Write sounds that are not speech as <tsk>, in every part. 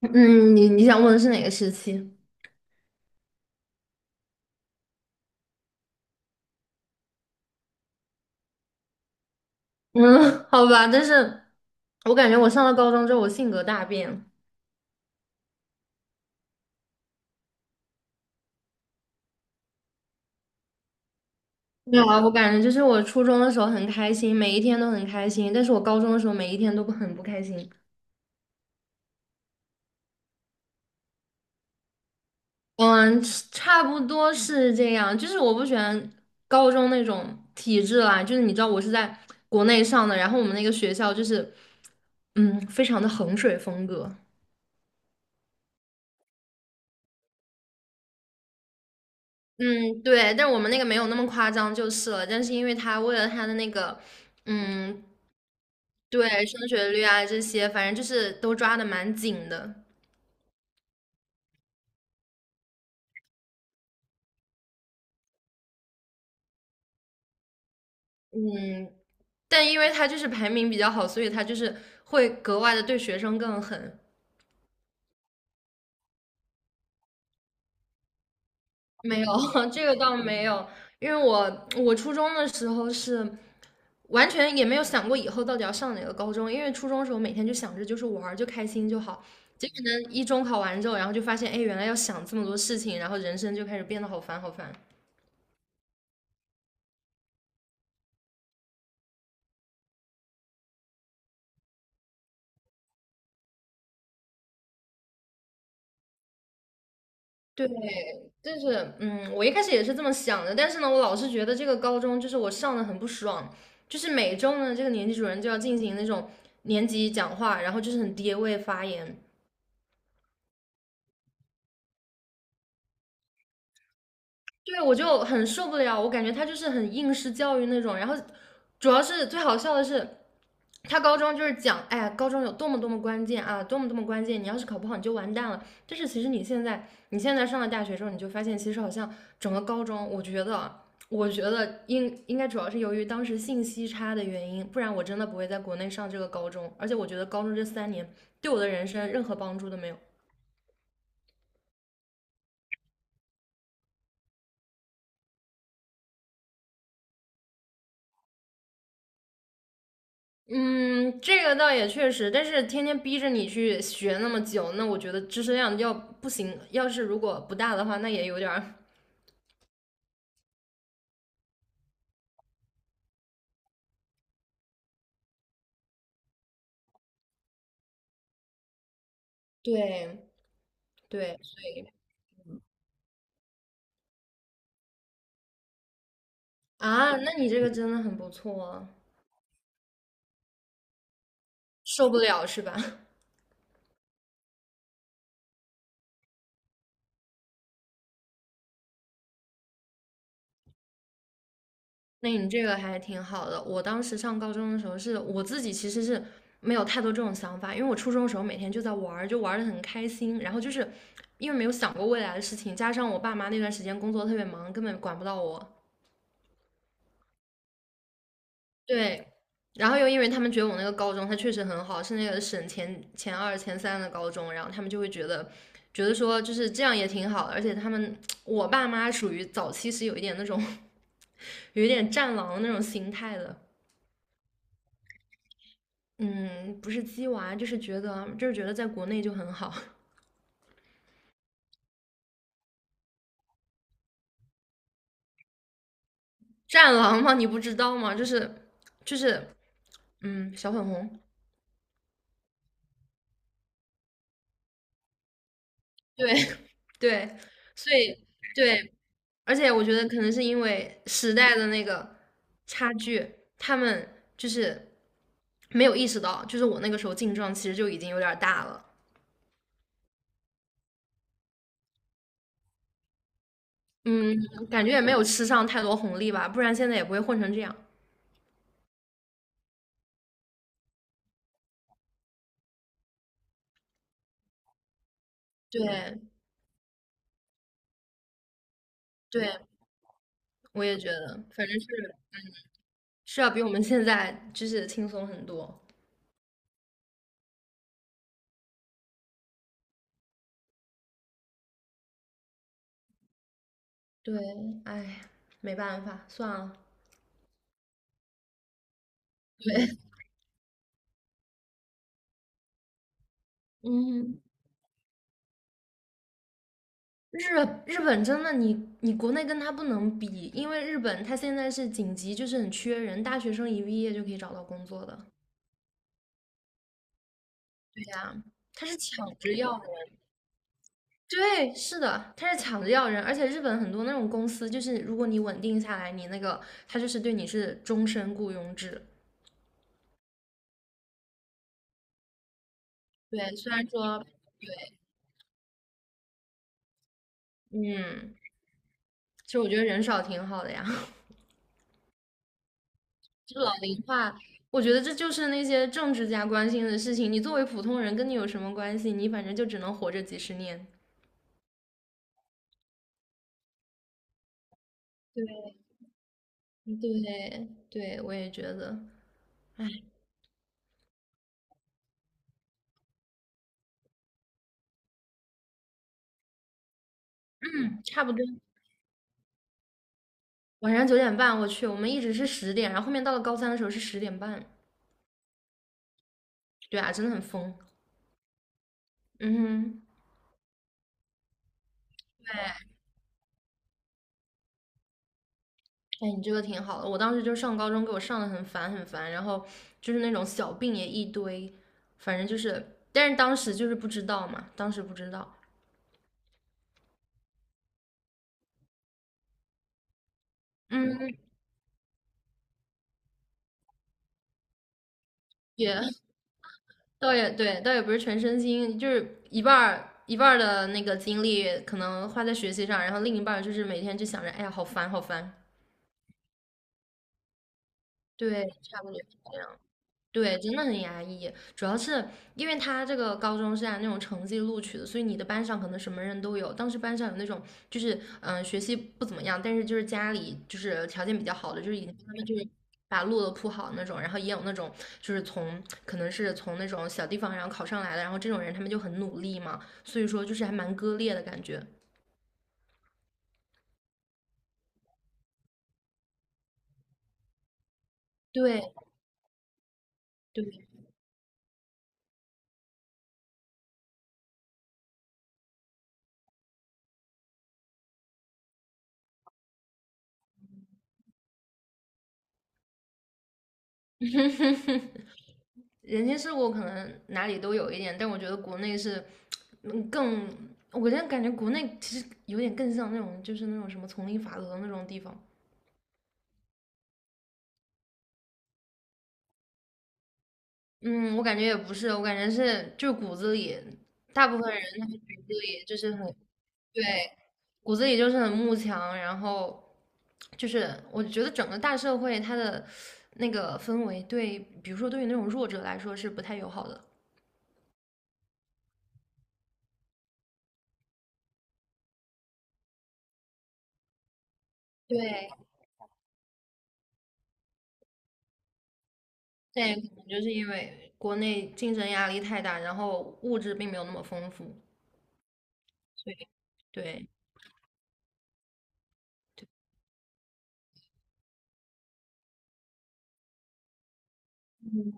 嗯，你想问的是哪个时期？嗯，<laughs> 好吧，但是我感觉我上了高中之后，我性格大变。没有啊，我感觉就是我初中的时候很开心，每一天都很开心，但是我高中的时候每一天都不很不开心。嗯，差不多是这样，就是我不喜欢高中那种体制啦，就是你知道我是在国内上的，然后我们那个学校就是，非常的衡水风格。嗯，对，但我们那个没有那么夸张就是了。但是因为他为了他的那个，嗯，对，升学率啊这些，反正就是都抓的蛮紧的。嗯，但因为他就是排名比较好，所以他就是会格外的对学生更狠。没有，<laughs> 这个倒没有，因为我初中的时候是。完全也没有想过以后到底要上哪个高中，因为初中的时候每天就想着就是玩儿就开心就好。结果呢，一中考完之后，然后就发现，哎，原来要想这么多事情，然后人生就开始变得好烦好烦。对，就是我一开始也是这么想的，但是呢，我老是觉得这个高中就是我上的很不爽，就是每周呢，这个年级主任就要进行那种年级讲话，然后就是很爹味发言，对我就很受不了，我感觉他就是很应试教育那种，然后主要是最好笑的是。他高中就是讲，哎呀，高中有多么多么关键啊，多么多么关键，你要是考不好你就完蛋了。但是其实你现在，你现在上了大学之后，你就发现其实好像整个高中，我觉得啊，我觉得应该主要是由于当时信息差的原因，不然我真的不会在国内上这个高中。而且我觉得高中这3年对我的人生任何帮助都没有。嗯，这个倒也确实，但是天天逼着你去学那么久，那我觉得知识量要不行，要是如果不大的话，那也有点儿。对对，啊，那你这个真的很不错啊，受不了是吧？<laughs> 那你这个还挺好的。我当时上高中的时候是，我自己其实是没有太多这种想法，因为我初中的时候每天就在玩儿，就玩的很开心。然后就是因为没有想过未来的事情，加上我爸妈那段时间工作特别忙，根本管不到我。对，然后又因为他们觉得我那个高中它确实很好，是那个省前二、前三的高中，然后他们就会觉得，觉得说就是这样也挺好的，而且他们 <tsk> 我爸妈属于早期是有一点那种 <laughs> 有一点战狼那种心态的。嗯，不是鸡娃，就是觉得在国内就很好。战狼吗？你不知道吗？就是小粉红，对 <laughs> 对，所以对，而且我觉得可能是因为时代的那个差距，他们就是没有意识到，就是我那个时候劲撞其实就已经有点儿大了。嗯，感觉也没有吃上太多红利吧，不然现在也不会混成这样。对对，我也觉得，反正是要比我们现在就是轻松很多。对，哎，没办法，算了。对，嗯，日日本真的你国内跟他不能比，因为日本他现在是紧急，就是很缺人，大学生一毕业就可以找到工作的。对呀，他是抢着要人。对，是的，他是抢着要人，而且日本很多那种公司，就是如果你稳定下来，你那个他就是对你是终身雇佣制。对，虽然说，嗯，其实我觉得人少挺好的呀。就老龄化，我觉得这就是那些政治家关心的事情。你作为普通人，跟你有什么关系？你反正就只能活着几十年。对对对，我也觉得，嗯，差不多。晚上9点半，我去，我们一直是十点，然后后面到了高三的时候是10点半。对啊，真的很疯。嗯哼，哎哎，你这个挺好的。我当时就上高中，给我上的很烦很烦，然后就是那种小病也一堆，反正就是，但是当时就是不知道嘛，当时不知道。嗯，也 <laughs> 倒也对，倒也不是全身心，就是一半儿一半儿的那个精力可能花在学习上，然后另一半儿就是每天就想着，哎呀，好烦，好烦。对，差不多。就这样。对，真的很压抑，主要是因为他这个高中是按那种成绩录取的，所以你的班上可能什么人都有。当时班上有那种就是学习不怎么样，但是就是家里就是条件比较好的，就是已经帮他们就是把路都铺好那种，然后也有那种就是从可能是从那种小地方然后考上来的，然后这种人他们就很努力嘛，所以说就是还蛮割裂的感觉。对对。<laughs> 人情世故可能哪里都有一点，但我觉得国内是，更，我现在感觉国内其实有点更像那种，就是那种什么丛林法则那种地方。嗯，我感觉也不是，我感觉是就是骨子里，大部分人他们骨子里就是很，对，骨子里就是很慕强，然后就是我觉得整个大社会它的那个氛围对，比如说对于那种弱者来说是不太友好的。对，对，可能就是因为国内竞争压力太大，然后物质并没有那么丰富，所以对，嗯，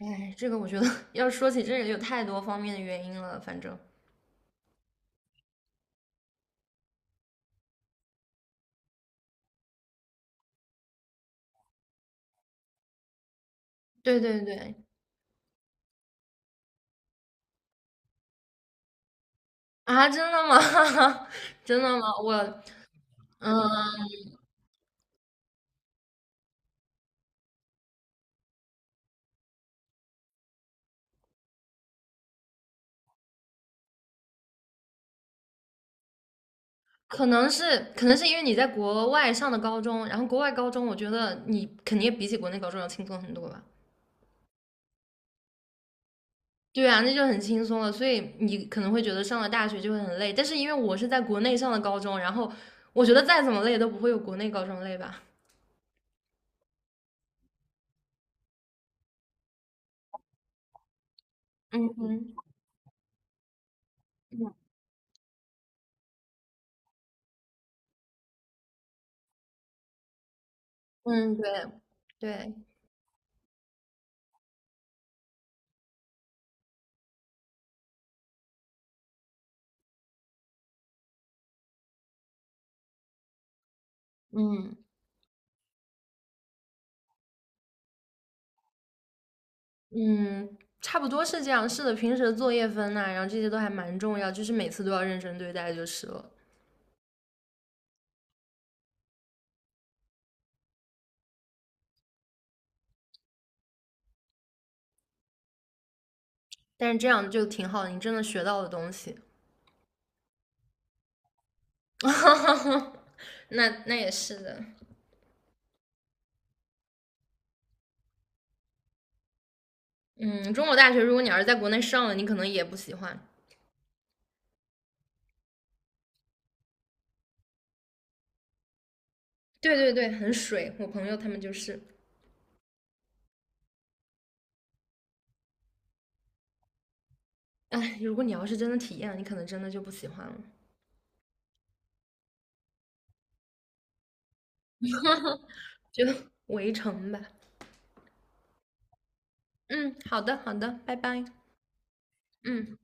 哎，这个我觉得 <laughs> 要说起这个有太多方面的原因了，反正对对对啊，真的吗？<laughs> 真的吗？我嗯，可能是因为你在国外上的高中，然后国外高中我觉得你肯定比起国内高中要轻松很多吧。对啊，那就很轻松了。所以你可能会觉得上了大学就会很累，但是因为我是在国内上的高中，然后我觉得再怎么累都不会有国内高中累吧。<laughs> 嗯哼，嗯嗯，对对，嗯嗯，差不多是这样。是的，平时的作业分呐、然后这些都还蛮重要，就是每次都要认真对待就是了。但是这样就挺好的，你真的学到了东西。<laughs> 那也是的，嗯，中国大学如果你要是在国内上了，你可能也不喜欢。对对对，很水。我朋友他们就是，哎，如果你要是真的体验了，你可能真的就不喜欢了，就 <laughs> 围城吧。嗯，好的好的，拜拜。嗯。